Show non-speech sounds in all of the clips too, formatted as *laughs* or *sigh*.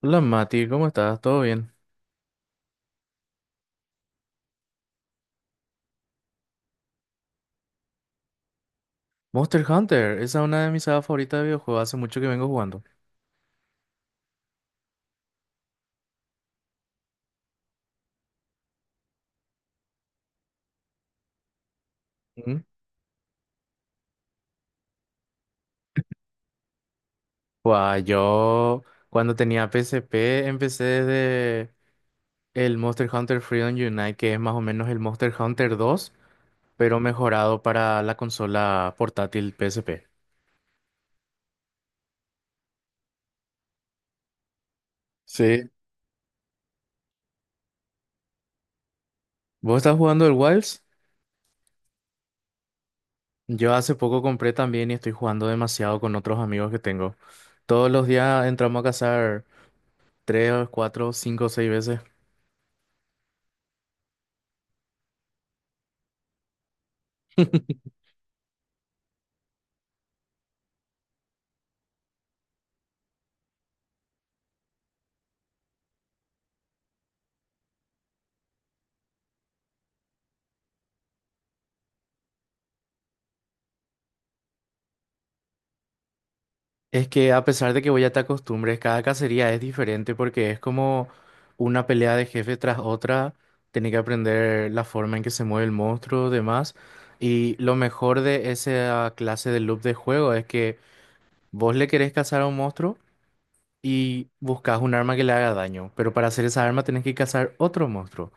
Hola Mati, ¿cómo estás? ¿Todo bien? Monster Hunter, esa es una de mis sagas favoritas de videojuegos, hace mucho que vengo jugando. Ujú. Guau, yo cuando tenía PSP empecé desde el Monster Hunter Freedom Unite, que es más o menos el Monster Hunter 2, pero mejorado para la consola portátil PSP. Sí. ¿Vos estás jugando el Wilds? Yo hace poco compré también y estoy jugando demasiado con otros amigos que tengo. Todos los días entramos a cazar 3, 4, 5, 6 veces. Es que a pesar de que voy a te acostumbres, cada cacería es diferente porque es como una pelea de jefe tras otra. Tenés que aprender la forma en que se mueve el monstruo, demás. Y lo mejor de esa clase de loop de juego es que vos le querés cazar a un monstruo y buscas un arma que le haga daño. Pero para hacer esa arma tenés que cazar otro monstruo.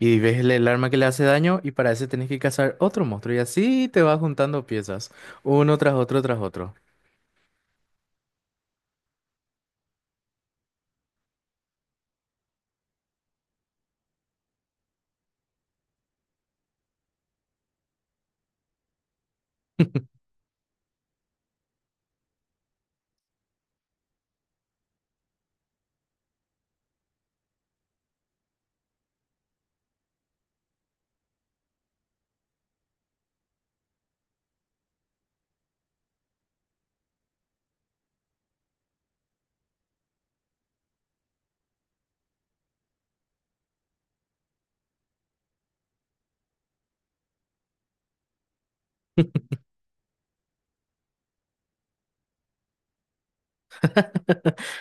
Y ves el arma que le hace daño y para ese tenés que cazar otro monstruo. Y así te vas juntando piezas, uno tras otro tras otro.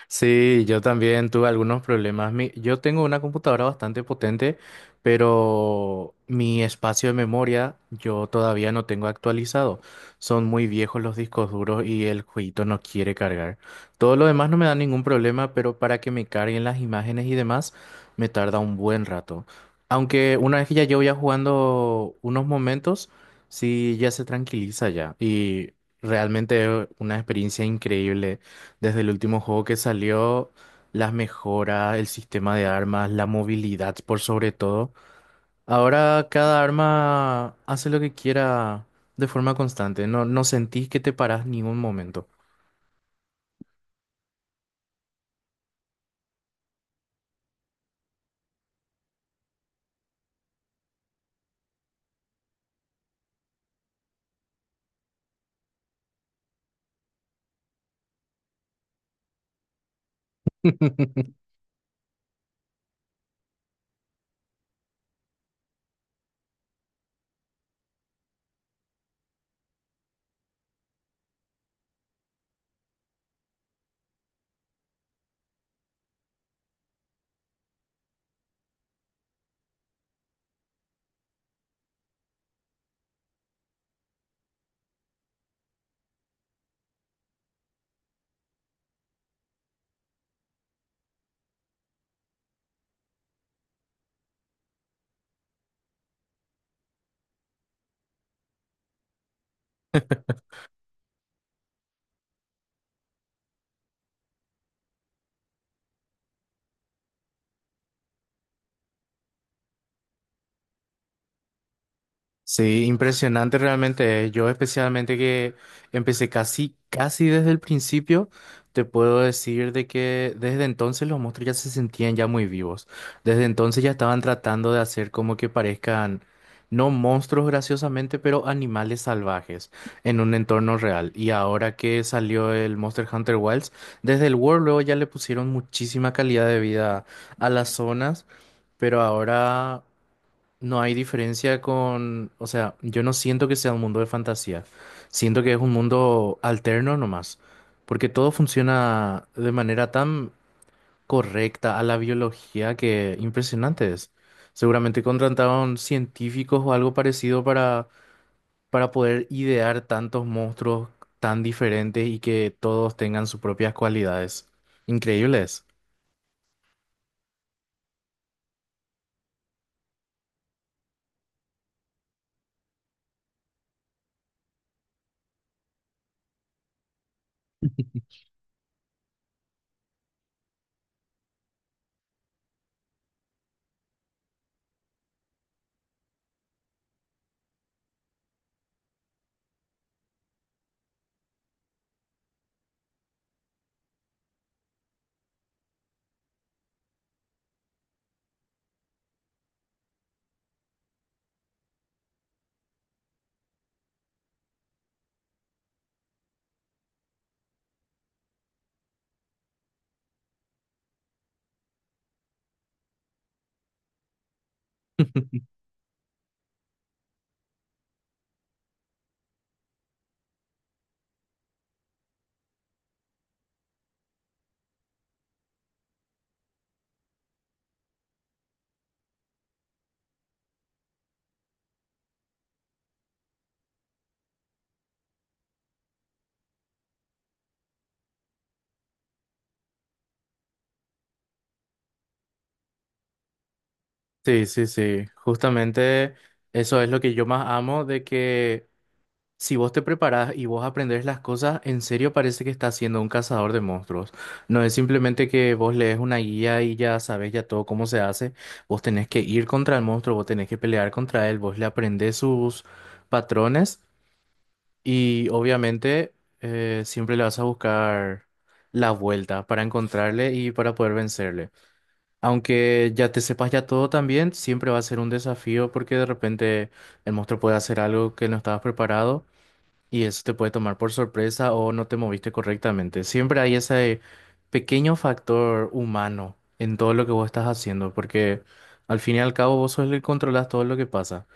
Sí, yo también tuve algunos problemas. Yo tengo una computadora bastante potente, pero mi espacio de memoria yo todavía no tengo actualizado. Son muy viejos los discos duros y el jueguito no quiere cargar. Todo lo demás no me da ningún problema, pero para que me carguen las imágenes y demás, me tarda un buen rato. Aunque una vez que ya yo ya jugando unos momentos, sí, ya se tranquiliza ya. Y realmente es una experiencia increíble desde el último juego que salió, las mejoras, el sistema de armas, la movilidad por sobre todo. Ahora cada arma hace lo que quiera de forma constante. No, no sentís que te parás ningún momento. *laughs* Sí, impresionante realmente. Yo especialmente que empecé casi, casi desde el principio, te puedo decir de que desde entonces los monstruos ya se sentían ya muy vivos. Desde entonces ya estaban tratando de hacer como que parezcan, no monstruos graciosamente, pero animales salvajes en un entorno real. Y ahora que salió el Monster Hunter Wilds, desde el World luego ya le pusieron muchísima calidad de vida a las zonas, pero ahora... No hay diferencia con, o sea, yo no siento que sea un mundo de fantasía, siento que es un mundo alterno nomás, porque todo funciona de manera tan correcta a la biología que impresionante es. Seguramente contrataron científicos o algo parecido para poder idear tantos monstruos tan diferentes y que todos tengan sus propias cualidades. Increíbles. *laughs* Sí, sí, sí. Justamente eso es lo que yo más amo de que si vos te preparás y vos aprendés las cosas, en serio parece que estás siendo un cazador de monstruos. No es simplemente que vos lees una guía y ya sabes ya todo cómo se hace. Vos tenés que ir contra el monstruo, vos tenés que pelear contra él, vos le aprendés sus patrones y obviamente siempre le vas a buscar la vuelta para encontrarle y para poder vencerle. Aunque ya te sepas ya todo también, siempre va a ser un desafío porque de repente el monstruo puede hacer algo que no estabas preparado. Y eso te puede tomar por sorpresa o no te moviste correctamente. Siempre hay ese pequeño factor humano en todo lo que vos estás haciendo, porque al fin y al cabo vos sos el que controlas todo lo que pasa.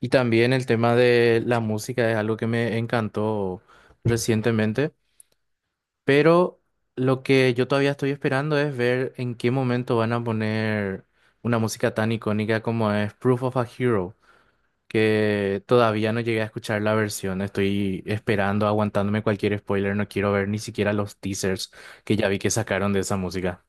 Y también el tema de la música es algo que me encantó recientemente, pero lo que yo todavía estoy esperando es ver en qué momento van a poner una música tan icónica como es Proof of a Hero, que todavía no llegué a escuchar la versión. Estoy esperando, aguantándome cualquier spoiler. No quiero ver ni siquiera los teasers que ya vi que sacaron de esa música.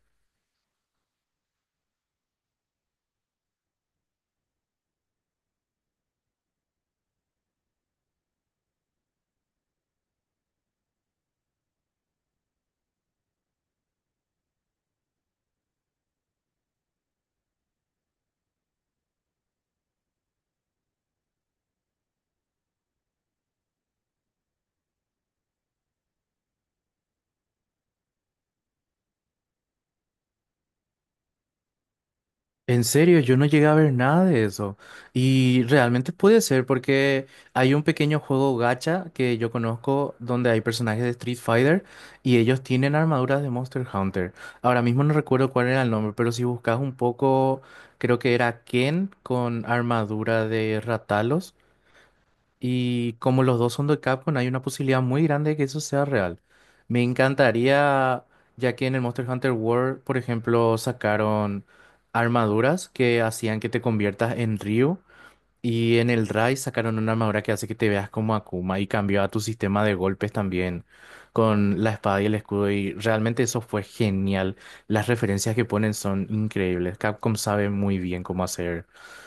En serio, yo no llegué a ver nada de eso. Y realmente puede ser porque hay un pequeño juego gacha que yo conozco donde hay personajes de Street Fighter y ellos tienen armaduras de Monster Hunter. Ahora mismo no recuerdo cuál era el nombre, pero si buscas un poco, creo que era Ken con armadura de Ratalos. Y como los dos son de Capcom, hay una posibilidad muy grande de que eso sea real. Me encantaría, ya que en el Monster Hunter World, por ejemplo, sacaron armaduras que hacían que te conviertas en Ryu. Y en el Rise sacaron una armadura que hace que te veas como Akuma y cambió a tu sistema de golpes también con la espada y el escudo. Y realmente eso fue genial. Las referencias que ponen son increíbles. Capcom sabe muy bien cómo hacer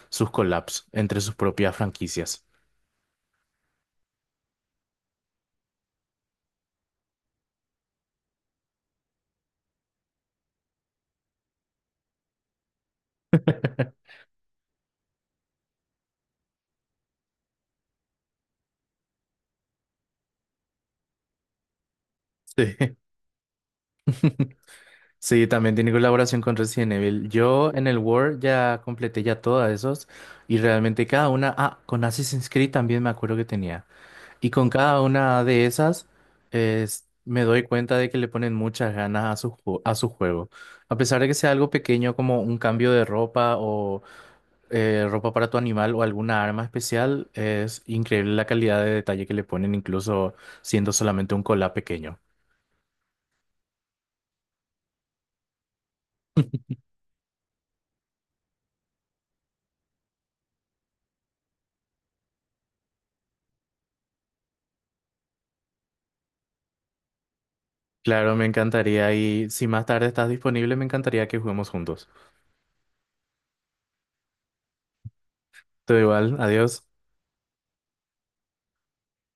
sus collabs entre sus propias franquicias. *laughs* Sí. *laughs* Sí, también tiene colaboración con Resident Evil. Yo en el World ya completé ya todas esos y realmente cada una, ah, con Assassin's Creed también me acuerdo que tenía. Y con cada una de esas me doy cuenta de que le ponen muchas ganas a su juego. A pesar de que sea algo pequeño como un cambio de ropa o ropa para tu animal o alguna arma especial, es increíble la calidad de detalle que le ponen incluso siendo solamente un collab pequeño. Claro, me encantaría y si más tarde estás disponible, me encantaría que juguemos juntos. Todo igual, adiós.